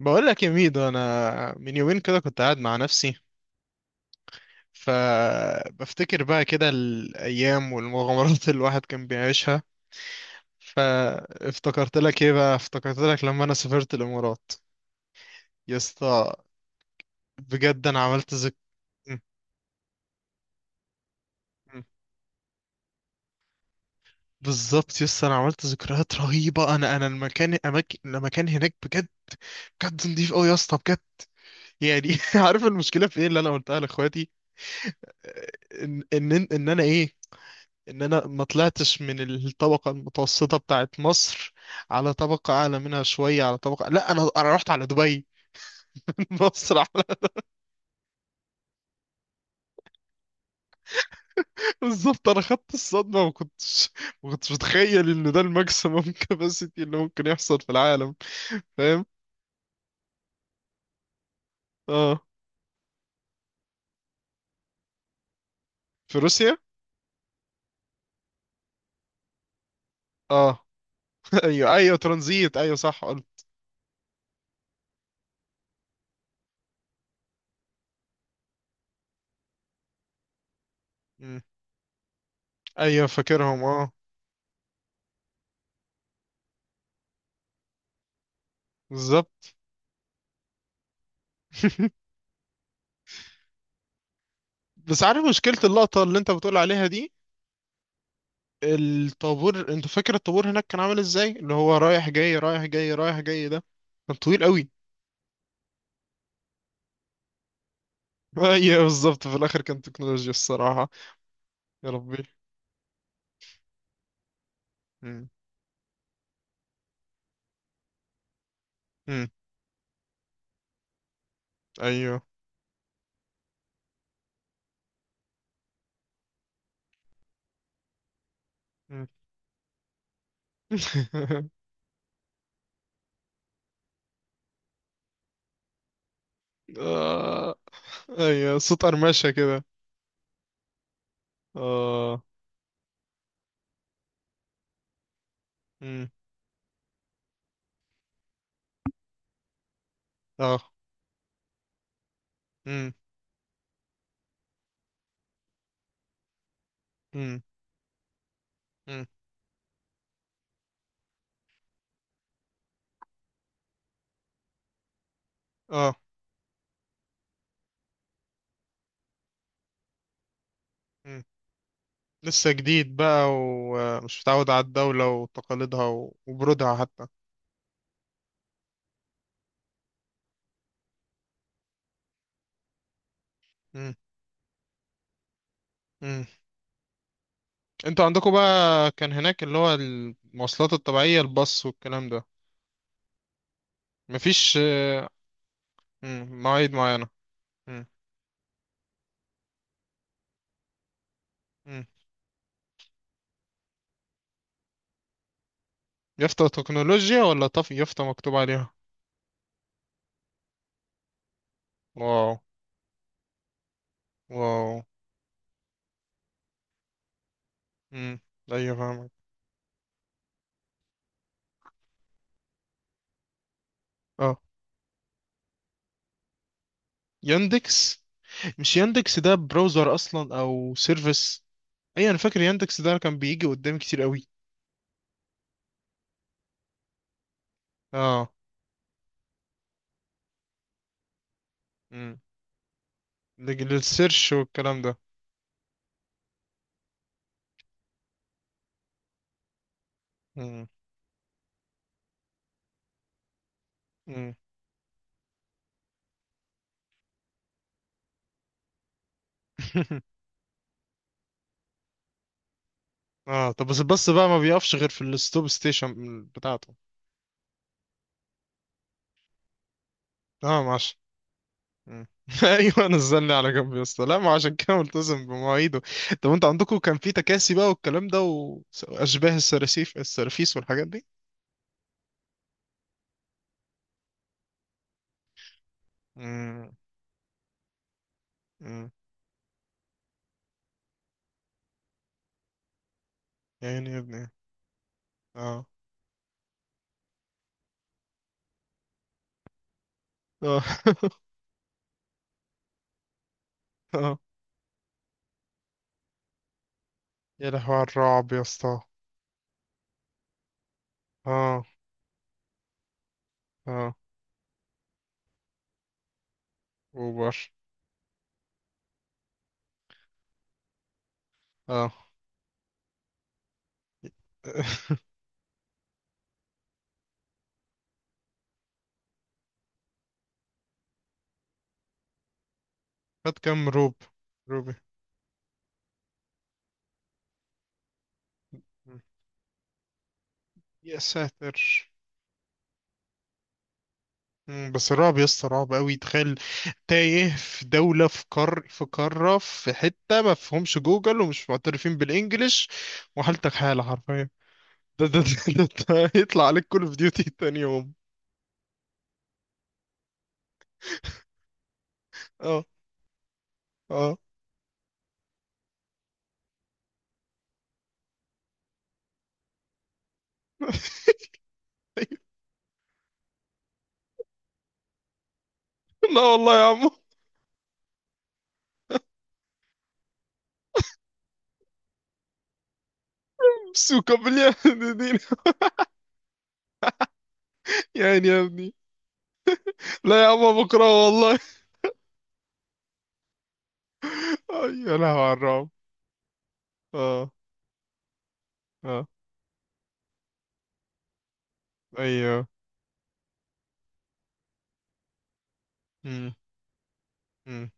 بقول لك يا ميدو، انا من يومين كده كنت قاعد مع نفسي، فبفتكر بقى كده الايام والمغامرات اللي الواحد كان بيعيشها. فافتكرت لك ايه بقى، افتكرت لك لما انا سافرت الامارات. يا اسطى بجد انا عملت م- م. بالظبط يا اسطى، انا عملت ذكريات رهيبه. انا المكان هناك بجد بجد نضيف قوي يا اسطى، بجد. يعني عارف المشكله في ايه اللي انا قلتها لاخواتي؟ آه، ان انا ايه، ان انا ما طلعتش من الطبقه المتوسطه بتاعت مصر على طبقه اعلى منها شويه، على طبقه، لا انا رحت على دبي مصر على. بالظبط، انا خدت الصدمه. ما كنتش متخيل ان ده الماكسيمم كاباسيتي اللي ممكن يحصل في العالم. فاهم. اه، في روسيا. اه ايوه ايوه ترانزيت، ايوه صح قلت. مم. ايوه فاكرهم، اه. بالظبط. بس عارف مشكله اللقطه اللي انت بتقول عليها دي؟ الطابور، انت فاكر الطابور هناك كان عامل ازاي؟ اللي هو رايح جاي رايح جاي رايح جاي ده، كان طويل قوي. ايوه بالظبط، في الاخر كان تكنولوجيا الصراحه. يا ربي. مم. مم. ايوه. مم. آه. ايوه، صوت قرمشه كده. اه. مم. اه. مم. مم. مم. اه. مم. لسه جديد بقى ومش متعود على الدوله وتقاليدها وبرودها حتى. مم. انتوا عندكم بقى كان هناك اللي هو المواصلات الطبيعية، الباص والكلام ده؟ مفيش. مم، مواعيد معينة. مم. مم. يافطة تكنولوجيا ولا طف يافطة مكتوب عليها؟ واو. واو. مم. ايوه فاهمك. اه ياندكس. مش ياندكس ده براوزر اصلا او سيرفيس؟ اي، انا فاكر ياندكس ده كان بيجي قدامي كتير قوي. اه. مم. للسيرش والكلام ده. مم. مم. اه، طب بس الباص بقى ما بيقفش غير في الستوب ستيشن بتاعته. اه ماشي. مم. ايوه نزلني على جنب يا اسطى، لا ما عشان كده ملتزم بمواعيده. طب انت عندكم كان في تكاسي بقى والكلام ده؟ واشباه السراسيف، السرافيس والحاجات دي؟ امم. امم. يا عيني يا ابني. اه. اه. اه. يا لهوي على الرعب يا اسطى. اه. اه. اوبر. اه. خد كام روب، روبي. مم. يا ساتر. مم، بس رعب يا اسطى رعب قوي، تخيل. تايه في دولة، في قار، في قارة، في حتة ما فيهمش جوجل ومش معترفين بالانجليش، وحالتك حالة حرفيا. ده ده يطلع عليك كول اوف ديوتي تاني يوم. اه. اه. لا والله يا عمو. سوكا بالله. دين. يا عيني يا ابني. لا يا عمو بكره والله. أي، يا لهوي على الرعب. اه. اه. ايوه. مم. مم.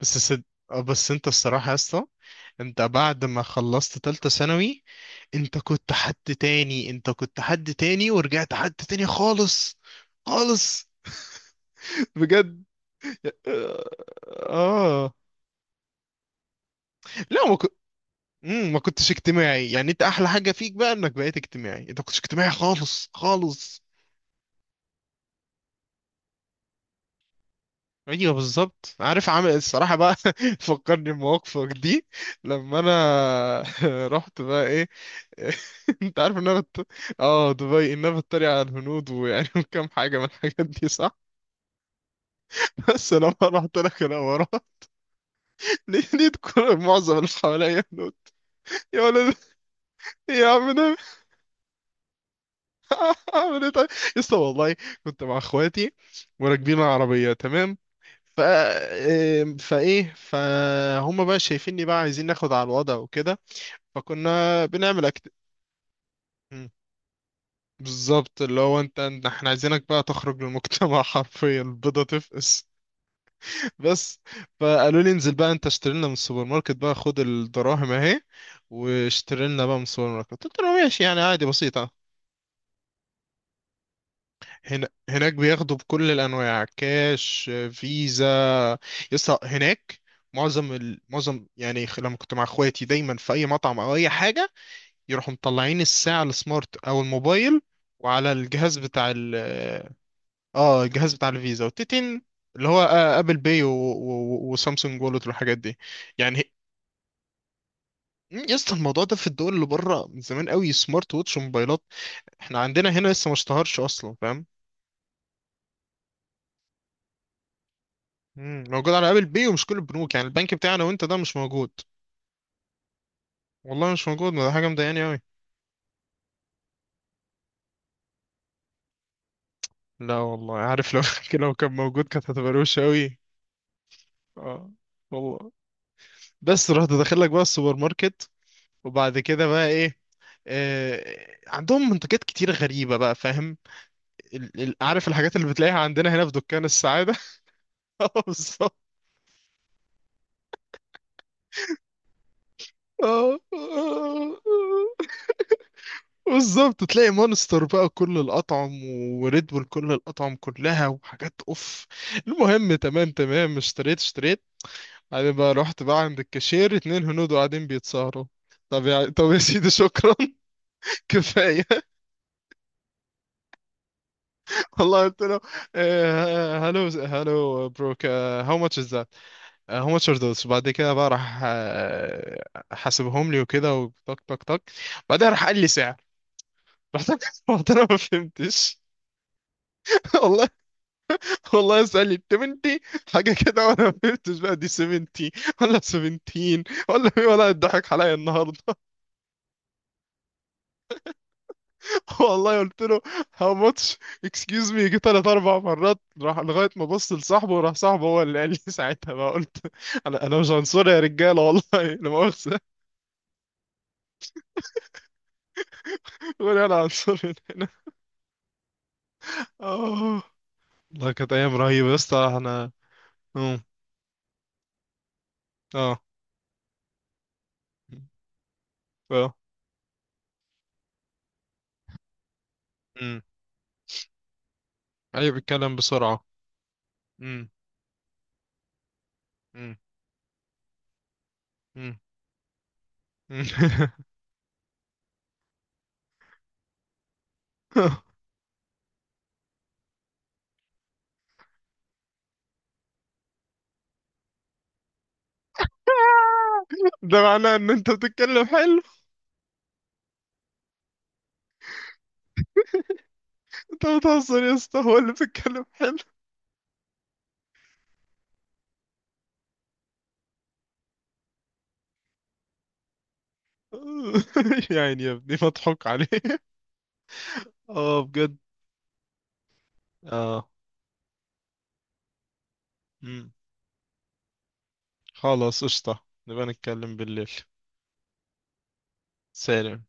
بس سد... آه، بس انت الصراحة يا اسطى، انت بعد ما خلصت تالتة ثانوي، انت كنت حد تاني. انت كنت حد تاني ورجعت حد تاني خالص، خالص. بجد. اه. لا ما, كنت... مم، ما كنتش اجتماعي يعني. انت احلى حاجة فيك بقى انك بقيت اجتماعي. انت ما كنتش اجتماعي خالص خالص. ايوه بالظبط. عارف عامل الصراحة بقى فكرني بمواقفك دي لما انا رحت بقى. انت عارف ان انا بت... اه دبي، ان انا بتريق على الهنود ويعني وكم حاجه من الحاجات دي صح؟ بس لما رحت لك انا ورا، لقيت كل معظم اللي حواليا هنود. يا ولد، يا عم ده. اعمل ايه طيب؟ يسطا والله كنت مع اخواتي وراكبين العربيه، تمام. ف ام، فايه، فهم بقى شايفيني بقى عايزين ناخد على الوضع وكده. فكنا بنعمل مم. بالظبط، اللي هو احنا عايزينك بقى تخرج للمجتمع. حرفيا البيضة تفقس. بس فقالوا لي انزل بقى انت، اشتري لنا من السوبر ماركت بقى، خد الدراهم اهي واشتري لنا بقى من السوبر ماركت. قلت له ماشي يعني عادي، بسيطة. هنا، هناك بياخدوا بكل الانواع، كاش، فيزا. يسطا هناك معظم يعني لما كنت مع اخواتي دايما في اي مطعم او اي حاجة، يروحوا مطلعين الساعة السمارت او الموبايل وعلى الجهاز بتاع ال، اه، الجهاز بتاع الفيزا والتتين. اللي هو ابل باي وسامسونج وولت والحاجات دي. يعني مم، يا اسطى الموضوع ده في الدول اللي بره من زمان قوي، سمارت ووتش وموبايلات. احنا عندنا هنا لسه ما اشتهرش اصلا، فاهم. مم، موجود على ابل بي ومش كل البنوك يعني، البنك بتاعنا وانت ده مش موجود. والله مش موجود، ما ده حاجه مضايقاني قوي. لا والله، عارف لو لو كان موجود كانت هتبقى روشه قوي. اه والله. بس رحت داخل لك بقى السوبر ماركت، وبعد كده بقى ايه، آه عندهم منتجات كتير غريبه بقى فاهم. عارف الحاجات اللي بتلاقيها عندنا هنا في دكان السعاده؟ اه بالظبط. بالظبط، تلاقي مونستر بقى كل الأطعم وريد بول كل الأطعم كلها وحاجات أوف. المهم تمام تمام، اشتريت. بعدين بقى رحت بقى عند الكاشير، اتنين هنود قاعدين بيتسهروا. طب يا سيدي شكرا. كفاية. والله قلت له هلو هلو، بروك، هاو ماتش از ذات، هاو ماتش ار ذوز. بعد كده بقى راح، حاسبهم لي وكده، وطك طك طك. بعدين راح قال لي سعر. رحت رحت انا ما فهمتش. والله. والله اسأل لي 70 حاجة كده، وانا ما فهمتش بقى دي 70 ولا 17 ولا ايه، ولا اتضحك عليا النهارده. والله قلت له هاو ماتش، اكسكيوز مي، جه ثلاث اربع مرات راح لغاية ما بص لصاحبه، وراح صاحبه هو اللي قال لي. ساعتها بقى قلت، انا مش عنصري يا رجالة والله لا مؤاخذة. قول انا عنصري من هنا. اه. والله كانت ايام رهيبة يا اسطى، احنا. اه. اه. اه. امم. ايوه، بيتكلم بسرعة. امم. امم. امم. ده معناه ان انت بتتكلم حلو. انت بتهزر يا اسطى، هو اللي بيتكلم حلو. يعني يا ابني مضحوك عليه. اه بجد. اه. مم. خلاص قشطة، نبقى نتكلم بالليل. سلام.